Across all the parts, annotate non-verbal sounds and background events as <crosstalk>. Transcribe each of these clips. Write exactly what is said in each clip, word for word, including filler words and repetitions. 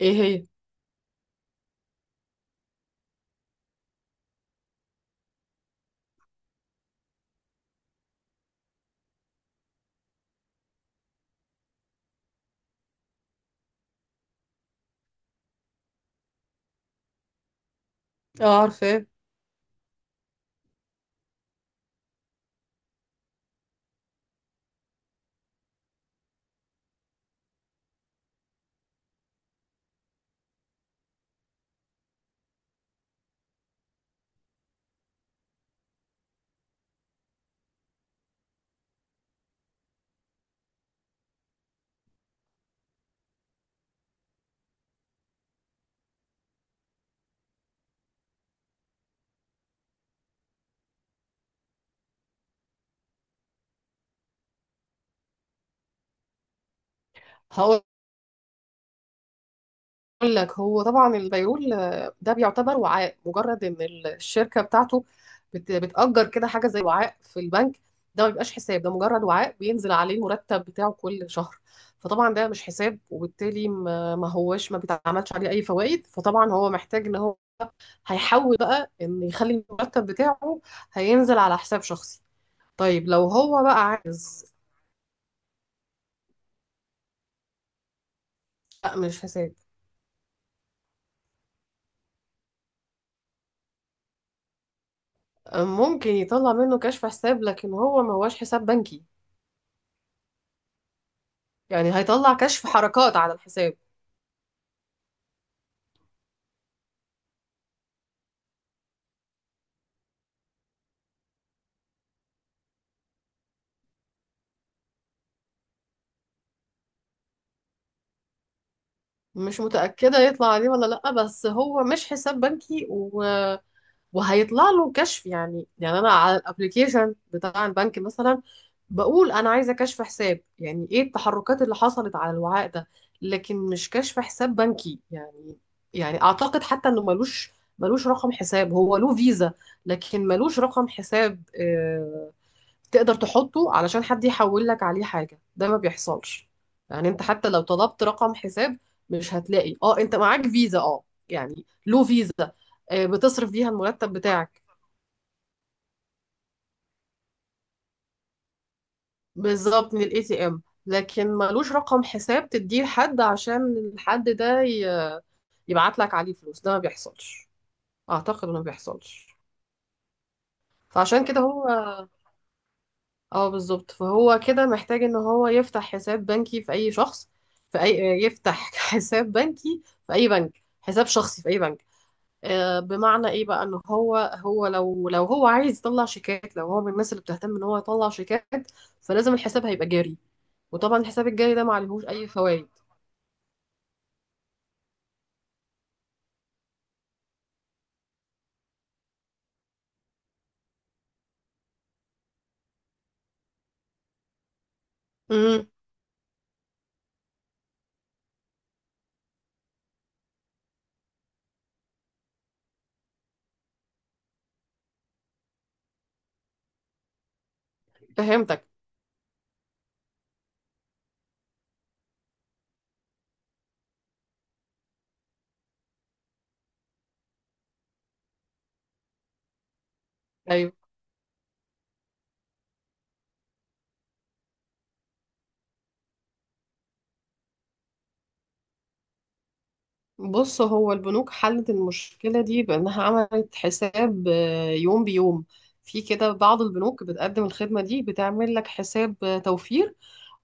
ايه هي؟ اه، عارفاه. هقول لك هو طبعا البيرول آه، ده بيعتبر وعاء مجرد ان الشركه بتاعته بت- بتأجر كده حاجه زي وعاء في البنك. ده ما بيبقاش حساب، ده مجرد وعاء بينزل عليه المرتب بتاعه كل شهر. فطبعا ده مش حساب، وبالتالي ما ما هوش ما بيتعملش عليه اي فوائد. فطبعا هو محتاج ان هو هيحول بقى ان يخلي المرتب بتاعه هينزل على حساب شخصي. طيب لو هو بقى عايز، لا مش حساب. ممكن يطلع منه كشف حساب لكن هو ما هوش حساب بنكي. يعني هيطلع كشف حركات على الحساب. مش متأكدة يطلع عليه ولا لأ، بس هو مش حساب بنكي و... وهيطلع له كشف. يعني يعني أنا على الابليكيشن بتاع البنك مثلا بقول أنا عايزة كشف حساب، يعني إيه التحركات اللي حصلت على الوعاء ده، لكن مش كشف حساب بنكي يعني. يعني أعتقد حتى إنه ملوش ملوش رقم حساب. هو له فيزا لكن ملوش رقم حساب آه، تقدر تحطه علشان حد يحول لك عليه حاجة، ده ما بيحصلش. يعني انت حتى لو طلبت رقم حساب مش هتلاقي. اه، انت معاك فيزا، اه، يعني له فيزا آه، بتصرف بيها المرتب بتاعك، بالظبط، من الاي تي ام. لكن ملوش رقم حساب تديه لحد عشان الحد ده يبعت لك عليه فلوس، ده ما بيحصلش. اعتقد انه ما بيحصلش. فعشان كده هو، اه بالظبط، فهو كده محتاج ان هو يفتح حساب بنكي في اي شخص، في اي يفتح <laughs> حساب بنكي في اي بنك، حساب شخصي في اي بنك. آه، بمعنى ايه بقى، ان هو هو لو لو هو عايز يطلع شيكات، لو هو من الناس اللي بتهتم ان هو يطلع شيكات، فلازم الحساب هيبقى جاري، وطبعا الحساب الجاري ده ما عليهوش اي فوائد. امم فهمتك. ايوه، بص، هو البنوك حلت المشكلة دي بأنها عملت حساب آه، يوم بيوم. في كده بعض البنوك بتقدم الخدمة دي، بتعمل لك حساب آه، توفير،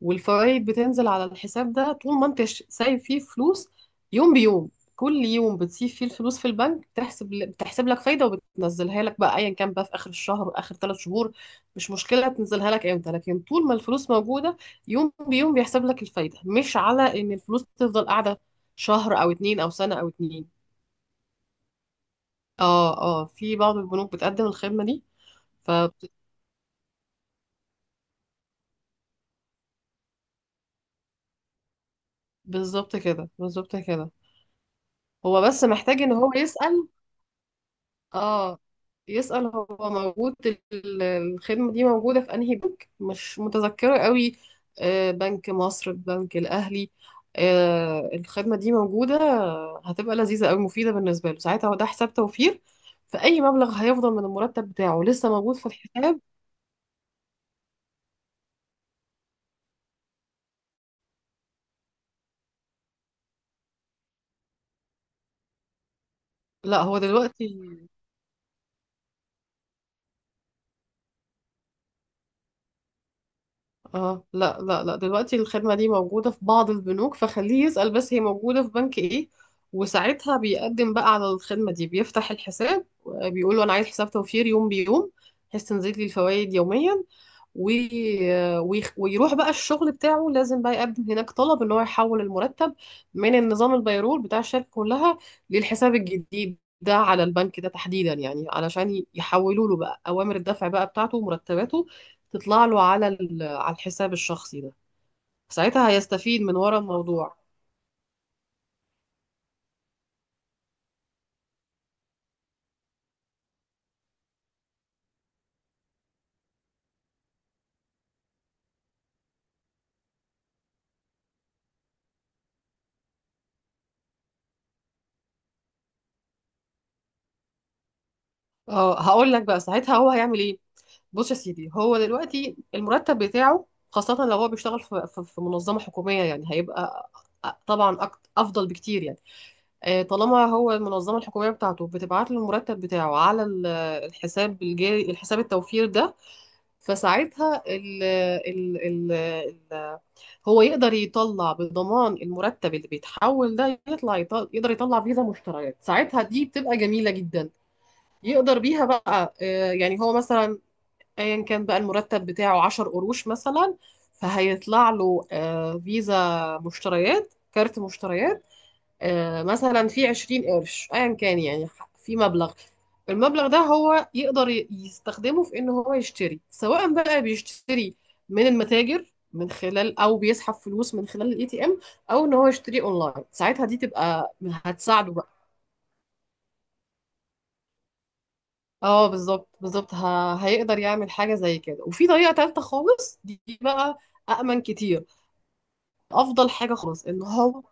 والفوائد بتنزل على الحساب ده طول ما انت ش- سايب فيه فلوس، يوم بيوم. كل يوم بتسيب فيه الفلوس في البنك بتحسب بتحسب لك فايدة، وبتنزلها لك بقى ايا كان بقى في اخر الشهر واخر ثلاث شهور. مش مشكلة تنزلها لك امتى، لكن طول ما الفلوس موجودة يوم بيوم بيحسب لك الفايدة، مش على ان الفلوس تفضل قاعدة شهر او اتنين او سنة او اتنين. اه اه، في بعض البنوك بتقدم الخدمة دي. ف بالظبط كده، بالظبط كده. هو بس محتاج ان هو يسأل، اه، يسأل هو موجود، ال- الخدمة دي موجودة في انهي بنك. مش متذكرة قوي، آه، بنك مصر، البنك الأهلي آه، الخدمة دي موجودة. هتبقى لذيذة قوي، مفيدة بالنسبة له، ساعتها هو ده حساب توفير، فأي مبلغ هيفضل من المرتب بتاعه لسه موجود في الحساب. لا هو دلوقتي، اه، لا لا لا، دلوقتي الخدمة دي موجودة في بعض البنوك، فخليه يسأل بس هي موجودة في بنك ايه، وساعتها بيقدم بقى على الخدمة دي، بيفتح الحساب بيقول له انا عايز حساب توفير يوم بيوم، بحيث تنزل لي الفوائد يوميا. وي- ويخ- ويروح بقى الشغل بتاعه، لازم بقى يقدم هناك طلب ان هو يحول المرتب من النظام البيرول بتاع الشركة كلها للحساب الجديد ده على البنك ده تحديدا، يعني علشان ي- يحولوا له بقى اوامر الدفع بقى بتاعته ومرتباته تطلع له على ال- على الحساب الشخصي ده. ساعتها هيستفيد من ورا الموضوع. اه، هقول لك بقى ساعتها هو هيعمل ايه. بص يا سيدي، هو دلوقتي المرتب بتاعه، خاصة لو هو بيشتغل في في- في منظمة حكومية، يعني هيبقى طبعا أك- افضل بكتير يعني. آه، طالما هو المنظمة الحكومية بتاعته بتبعت له المرتب بتاعه على ال- الحساب الجاري، الحساب التوفير ده، فساعتها ال ال ال ال هو يقدر يطلع بضمان المرتب اللي بيتحول ده، يطلع يطل يقدر يطلع فيزا مشتريات. ساعتها دي بتبقى جميلة جدا، يقدر بيها بقى آه، يعني هو مثلا، ايا كان بقى المرتب بتاعه 10 قروش مثلا، فهيطلع له آه، فيزا مشتريات، كارت مشتريات آه، مثلا في 20 قرش ايا كان يعني، ح- في مبلغ. المبلغ ده هو يقدر ي- يستخدمه في ان هو يشتري، سواء بقى بيشتري من المتاجر من خلال، او بيسحب فلوس من خلال الاي تي ام، او ان هو يشتري اونلاين. ساعتها دي تبقى هتساعده بقى. اه بالظبط بالظبط، ه- هيقدر يعمل حاجه زي كده. وفي طريقه تالته خالص دي بقى، أأمن كتير، أفضل حاجة خالص إن هو،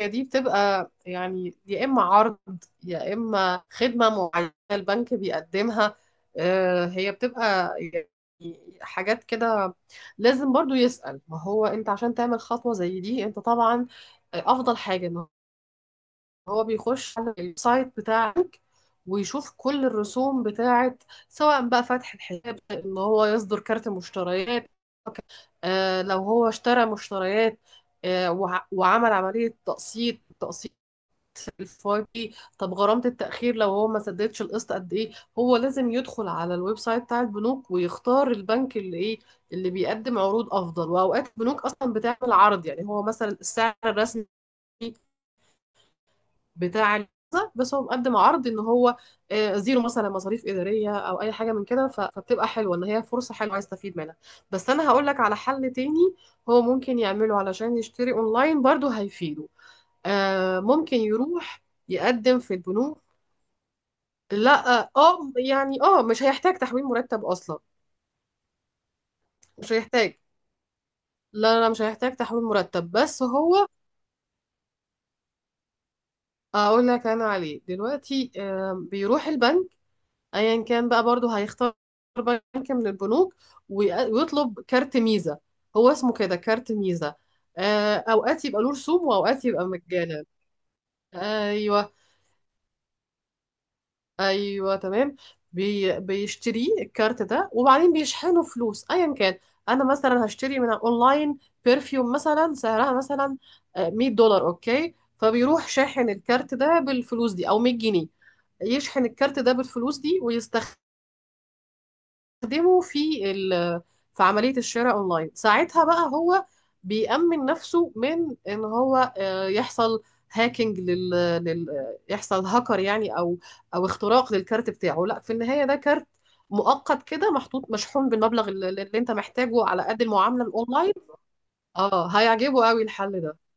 هي دي بتبقى يعني يا إما عرض يا إما خدمة معينة البنك بيقدمها آه، هي بتبقى يعني حاجات كده. لازم برضو يسأل، ما هو أنت عشان تعمل خطوة زي دي أنت طبعا آه، أفضل حاجة إن هو بيخش على السايت بتاعك ويشوف كل الرسوم بتاعت، سواء بقى فتح الحساب، إن هو يصدر كارت مشتريات آه، لو هو اشترى مشتريات آه، وع- وعمل عملية تقسيط، التقسيط الفاي بي. طب غرامة التأخير لو هو ما سددش القسط قد ايه. هو لازم يدخل على الويب سايت بتاع البنوك ويختار البنك اللي ايه، اللي بيقدم عروض افضل. واوقات البنوك اصلا بتعمل عرض، يعني هو مثلا السعر الرسمي بتاع الفيزا، بس هو مقدم عرض ان هو آه، زيرو مثلا مصاريف اداريه او اي حاجه من كده، ف- فبتبقى حلوه، ان هي فرصه حلوه عايز استفيد منها. بس انا هقول لك على حل تاني هو ممكن يعمله علشان يشتري اونلاين، برضو هيفيده. آه، ممكن يروح يقدم في البنوك. لا، اه، آه، يعني اه، مش هيحتاج تحويل مرتب اصلا. مش هيحتاج، لا لا، مش هيحتاج تحويل مرتب بس هو. اقول لك انا عليه دلوقتي، آم، بيروح البنك، ايا كان بقى، برضه هيختار بنك من البنوك وي- ويطلب كارت ميزة. هو اسمه كده كارت ميزة آه، اوقات يبقى له رسوم واوقات يبقى مجانا. ايوه ايوه تمام. بي... بيشتريه الكارت ده، وبعدين بيشحنوا فلوس ايا كان. انا مثلا هشتري من اونلاين برفيوم مثلا، سعرها مثلا آه، مية دولار، اوكي، فبيروح شاحن الكارت ده بالفلوس دي، او مية جنيه يشحن الكارت ده بالفلوس دي ويستخدمه. بيستخدمه في ال- في عملية الشراء اونلاين. ساعتها بقى هو بيأمن نفسه من ان هو آه، يحصل هاكينج لل... لل... آه، يحصل هاكر يعني، او او اختراق للكارت بتاعه. لا، في النهاية ده كارت مؤقت كده، محطوط، مشحون بالمبلغ اللي, اللي انت محتاجه، على قد المعاملة الاونلاين. اه، هيعجبه قوي الحل ده.